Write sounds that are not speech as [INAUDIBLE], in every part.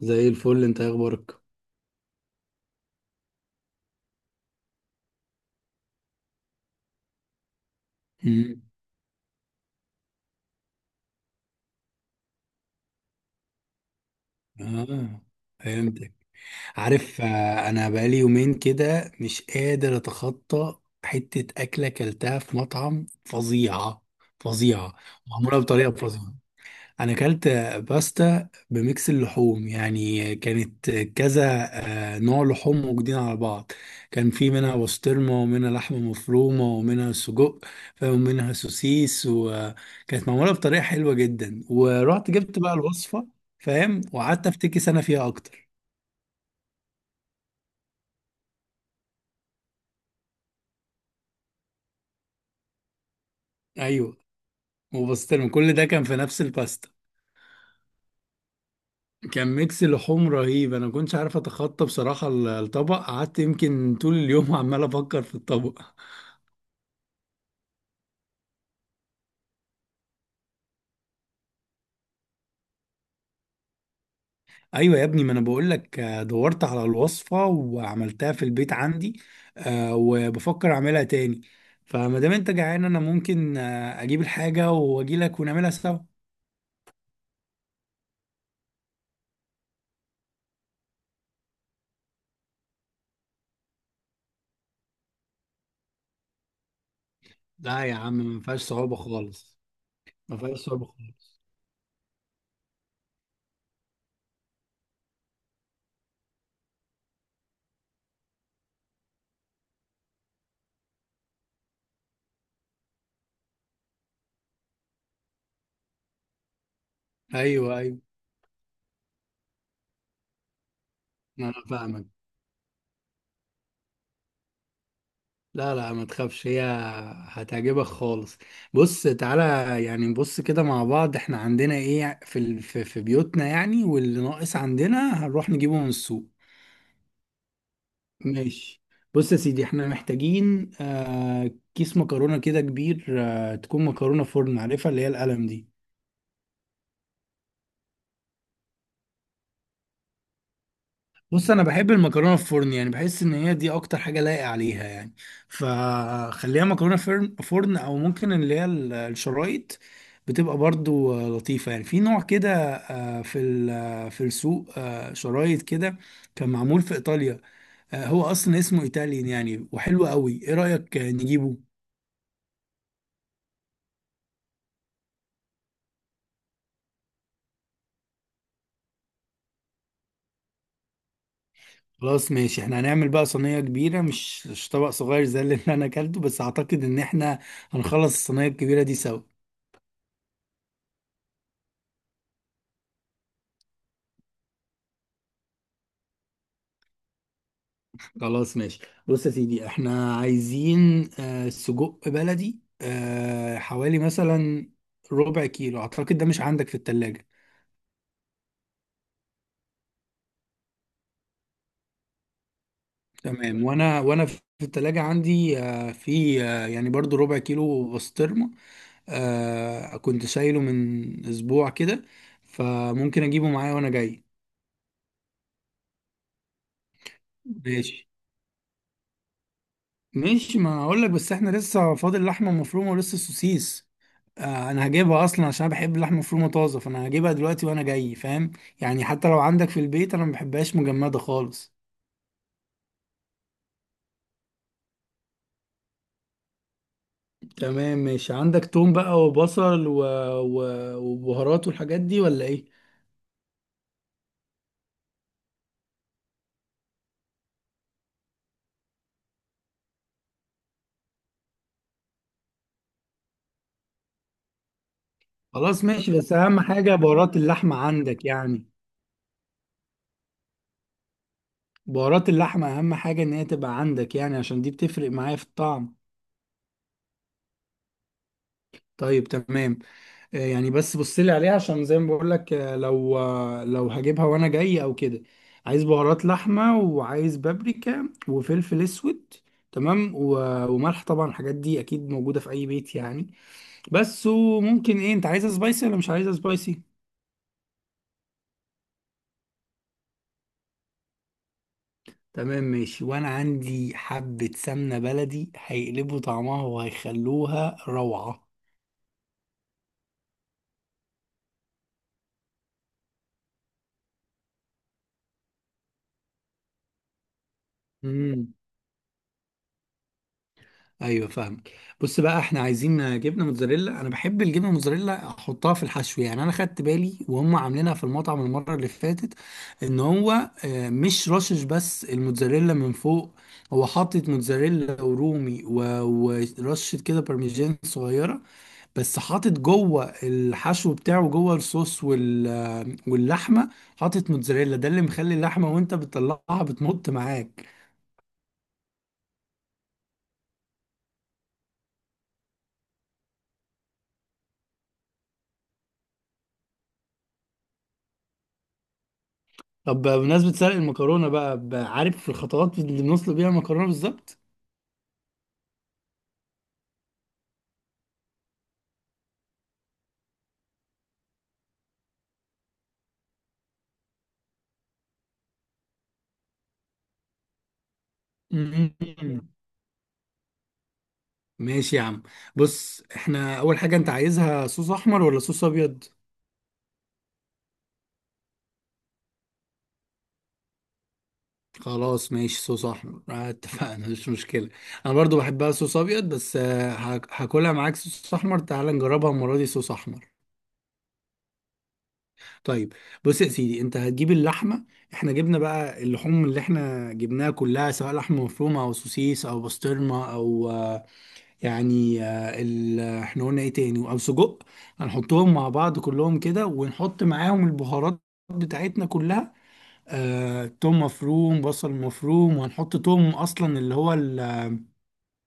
زي الفل، انت إيه اخبارك؟ مم. اه. فهمتك. عارف، انا بقالي يومين كده مش قادر اتخطى حتة اكلة اكلتها في مطعم فظيعة فظيعة. معمولة بطريقة فظيعة. انا اكلت باستا بميكس اللحوم، يعني كانت كذا نوع لحوم موجودين على بعض. كان في منها بسطرمه ومنها لحمه مفرومه ومنها سجق ومنها سوسيس، وكانت معموله بطريقه حلوه جدا ورحت جبت بقى الوصفه. فاهم، وقعدت افتكس انا فيها اكتر. ايوه، وبسطرمه كل ده كان في نفس الباستا. كان ميكس لحوم رهيب، انا ما كنتش عارف اتخطى بصراحه الطبق، قعدت يمكن طول اليوم [LAUGHS] عمال افكر في الطبق. ايوه يا ابني، ما انا بقول لك دورت على الوصفه وعملتها في البيت عندي. وبفكر اعملها تاني. فما دام انت جعان، انا ممكن اجيب الحاجه واجي لك ونعملها سوا. لا يا عم، ما فيهاش صعوبه خالص. ما فيهاش صعوبه خالص. ايوه، ايوه. انا فاهمك. لا، لا، ما تخافش، هي هتعجبك خالص. بص، تعالى. يعني نبص كده مع بعض، احنا عندنا ايه في ال- في في بيوتنا يعني، واللي ناقص عندنا هنروح نجيبه من السوق. ماشي. بص يا سيدي، احنا محتاجين كيس مكرونة كده كبير، تكون مكرونة فرن، عارفها اللي هي القلم دي؟ بص، انا بحب المكرونة فرن، يعني بحس ان هي دي اكتر حاجة لايقة عليها يعني. فخليها مكرونة فرن او ممكن اللي هي الشرايط. بتبقى برضو لطيفة، يعني في نوع كده، في السوق شرايط كده. كان معمول في ايطاليا. هو اصلا اسمه ايطاليان يعني، وحلو قوي، ايه رأيك نجيبه؟ خلاص ماشي، احنا هنعمل بقى صينية كبيرة، مش طبق صغير زي اللي انا اكلته، بس اعتقد ان احنا هنخلص الصينية الكبيرة دي سوا. خلاص ماشي. بص يا سيدي، احنا عايزين سجق بلدي، حوالي مثلا ربع كيلو، اعتقد ده مش عندك في التلاجة. تمام. وانا في التلاجة عندي في يعني برضو ربع كيلو بسطرمة. كنت شايله من اسبوع كده، فممكن اجيبه معايا وانا جاي. ماشي، ماشي. ما هقول لك، بس احنا لسه فاضل لحمه مفرومه ولسه سوسيس. انا هجيبها اصلا، عشان أنا بحب اللحمه المفرومه طازه، فانا هجيبها دلوقتي وانا جاي، فاهم؟ يعني حتى لو عندك في البيت، انا ما بحبهاش مجمده خالص. تمام ماشي، عندك توم بقى وبصل و... وبهارات والحاجات دي ولا ايه؟ خلاص ماشي، بس اهم حاجه بهارات اللحمه عندك يعني. بهارات اللحمه اهم حاجه ان هي تبقى عندك، يعني عشان دي بتفرق معايا في الطعم. طيب، تمام. يعني بس بص لي عليها، عشان زي ما بقول لك لو هجيبها وانا جاي او كده. عايز بهارات لحمه، وعايز بابريكا وفلفل اسود. تمام، و- وملح طبعا، الحاجات دي اكيد موجوده في اي بيت يعني. بس. وممكن ايه، انت عايزها سبايسي ولا مش عايزها سبايسي؟ تمام ماشي، وانا عندي حبه سمنه بلدي هيقلبوا طعمها وهيخلوها روعه. ايوه، فاهمك. بص بقى، احنا عايزين جبنه موتزاريلا، انا بحب الجبنه موتزاريلا احطها في الحشو، يعني انا خدت بالي وهم عاملينها في المطعم المره اللي فاتت. ان هو مش رشش بس الموتزاريلا من فوق، هو حاطط موتزاريلا ورومي و- ورشه كده بارميجان صغيره. بس حاطط جوه الحشو بتاعه، جوه الصوص وال آه، واللحمه. حاطط موتزاريلا، ده اللي مخلي اللحمه وانت بتطلعها بتمط معاك. طب بمناسبة سلق المكرونة بقى، عارف الخطوات اللي بنسلق بيها المكرونة بالظبط؟ مم. ماشي يا عم. بص، احنا أول حاجة، أنت عايزها صوص أحمر ولا صوص أبيض؟ خلاص ماشي، صوص أحمر اتفقنا، مش مشكلة. أنا برضو بحبها صوص أبيض، بس هاكلها معاك صوص أحمر، تعال نجربها المرة دي صوص أحمر. طيب. بص يا سيدي، أنت هتجيب اللحمة، احنا جبنا بقى اللحوم اللي احنا جبناها كلها، سواء لحمة مفرومة أو سوسيس أو بسطرمة أو يعني احنا قلنا ايه تاني او سجق. هنحطهم مع بعض كلهم كده، ونحط معاهم البهارات بتاعتنا كلها. توم مفروم، بصل مفروم، وهنحط توم اصلا اللي هو ال-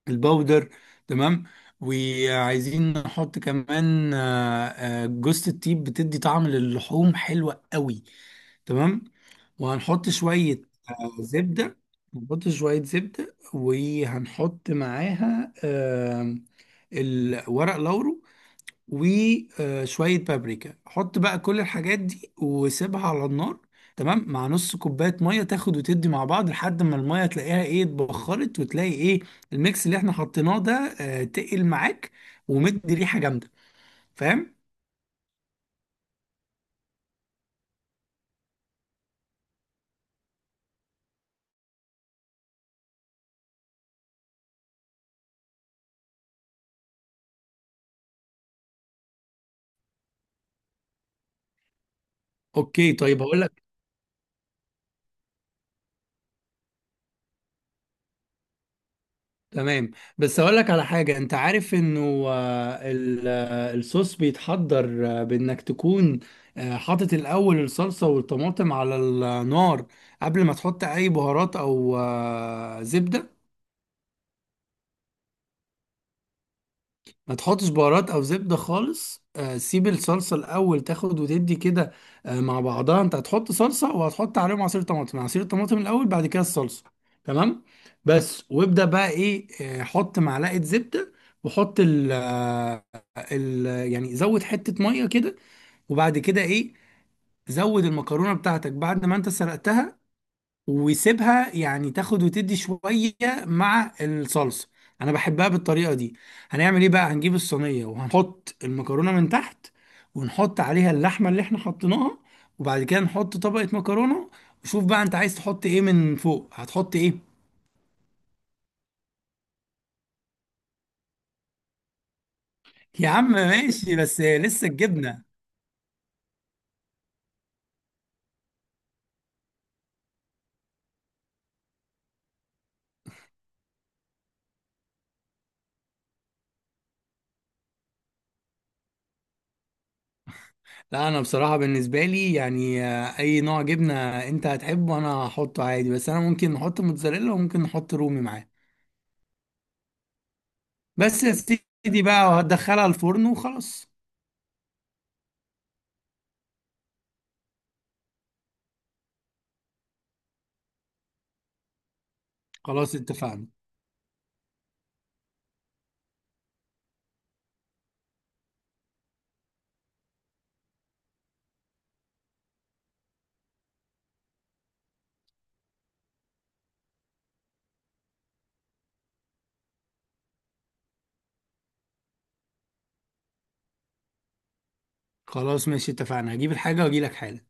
الباودر. تمام. وعايزين نحط كمان جوزة الطيب، بتدي طعم للحوم حلوة قوي. تمام. وهنحط شوية زبدة. هنحط شوية زبدة، وهنحط معاها الورق لورو وشوية بابريكا، حط بقى كل الحاجات دي وسيبها على النار. تمام، مع نص كوباية مية، تاخد وتدي مع بعض لحد ما المية تلاقيها ايه اتبخرت، وتلاقي ايه الميكس اللي احنا حطيناه ده تقل معاك ومدي ريحة جامدة، فاهم؟ اوكي، طيب هقول لك. تمام. بس اقول لك على حاجه، انت عارف انه الصوص بيتحضر بانك تكون حاطط الاول الصلصه والطماطم على النار، قبل ما تحط اي بهارات او زبده. ما تحطش بهارات او زبده خالص. سيب الصلصه الاول تاخد وتدي كده مع بعضها، انت هتحط صلصه وهتحط عليهم عصير طماطم، عصير الطماطم الاول بعد كده الصلصه. تمام. بس وابدا بقى ايه، حط معلقه زبده، وحط ال آه، ال يعني زود حته ميه كده. وبعد كده ايه، زود المكرونه بتاعتك بعد ما انت سلقتها، ويسيبها يعني تاخد وتدي شوية مع الصلصة. انا بحبها بالطريقة دي. هنعمل ايه بقى، هنجيب الصينية وهنحط المكرونة من تحت، ونحط عليها اللحمة اللي احنا حطيناها، وبعد كده نحط طبقة مكرونة. وشوف بقى انت عايز تحط ايه من فوق، هتحط ايه؟ يا عم ماشي، بس لسه الجبنة. لا، انا بصراحة بالنسبة لي يعني اي نوع جبنة انت هتحبه انا هحطه عادي، بس انا ممكن نحط موتزاريلا وممكن نحط رومي معاه. بس يا سيدي بقى وهتدخلها الفرن وخلاص. خلاص اتفقنا. خلاص ماشي اتفقنا، هجيب الحاجة واجيلك حالا.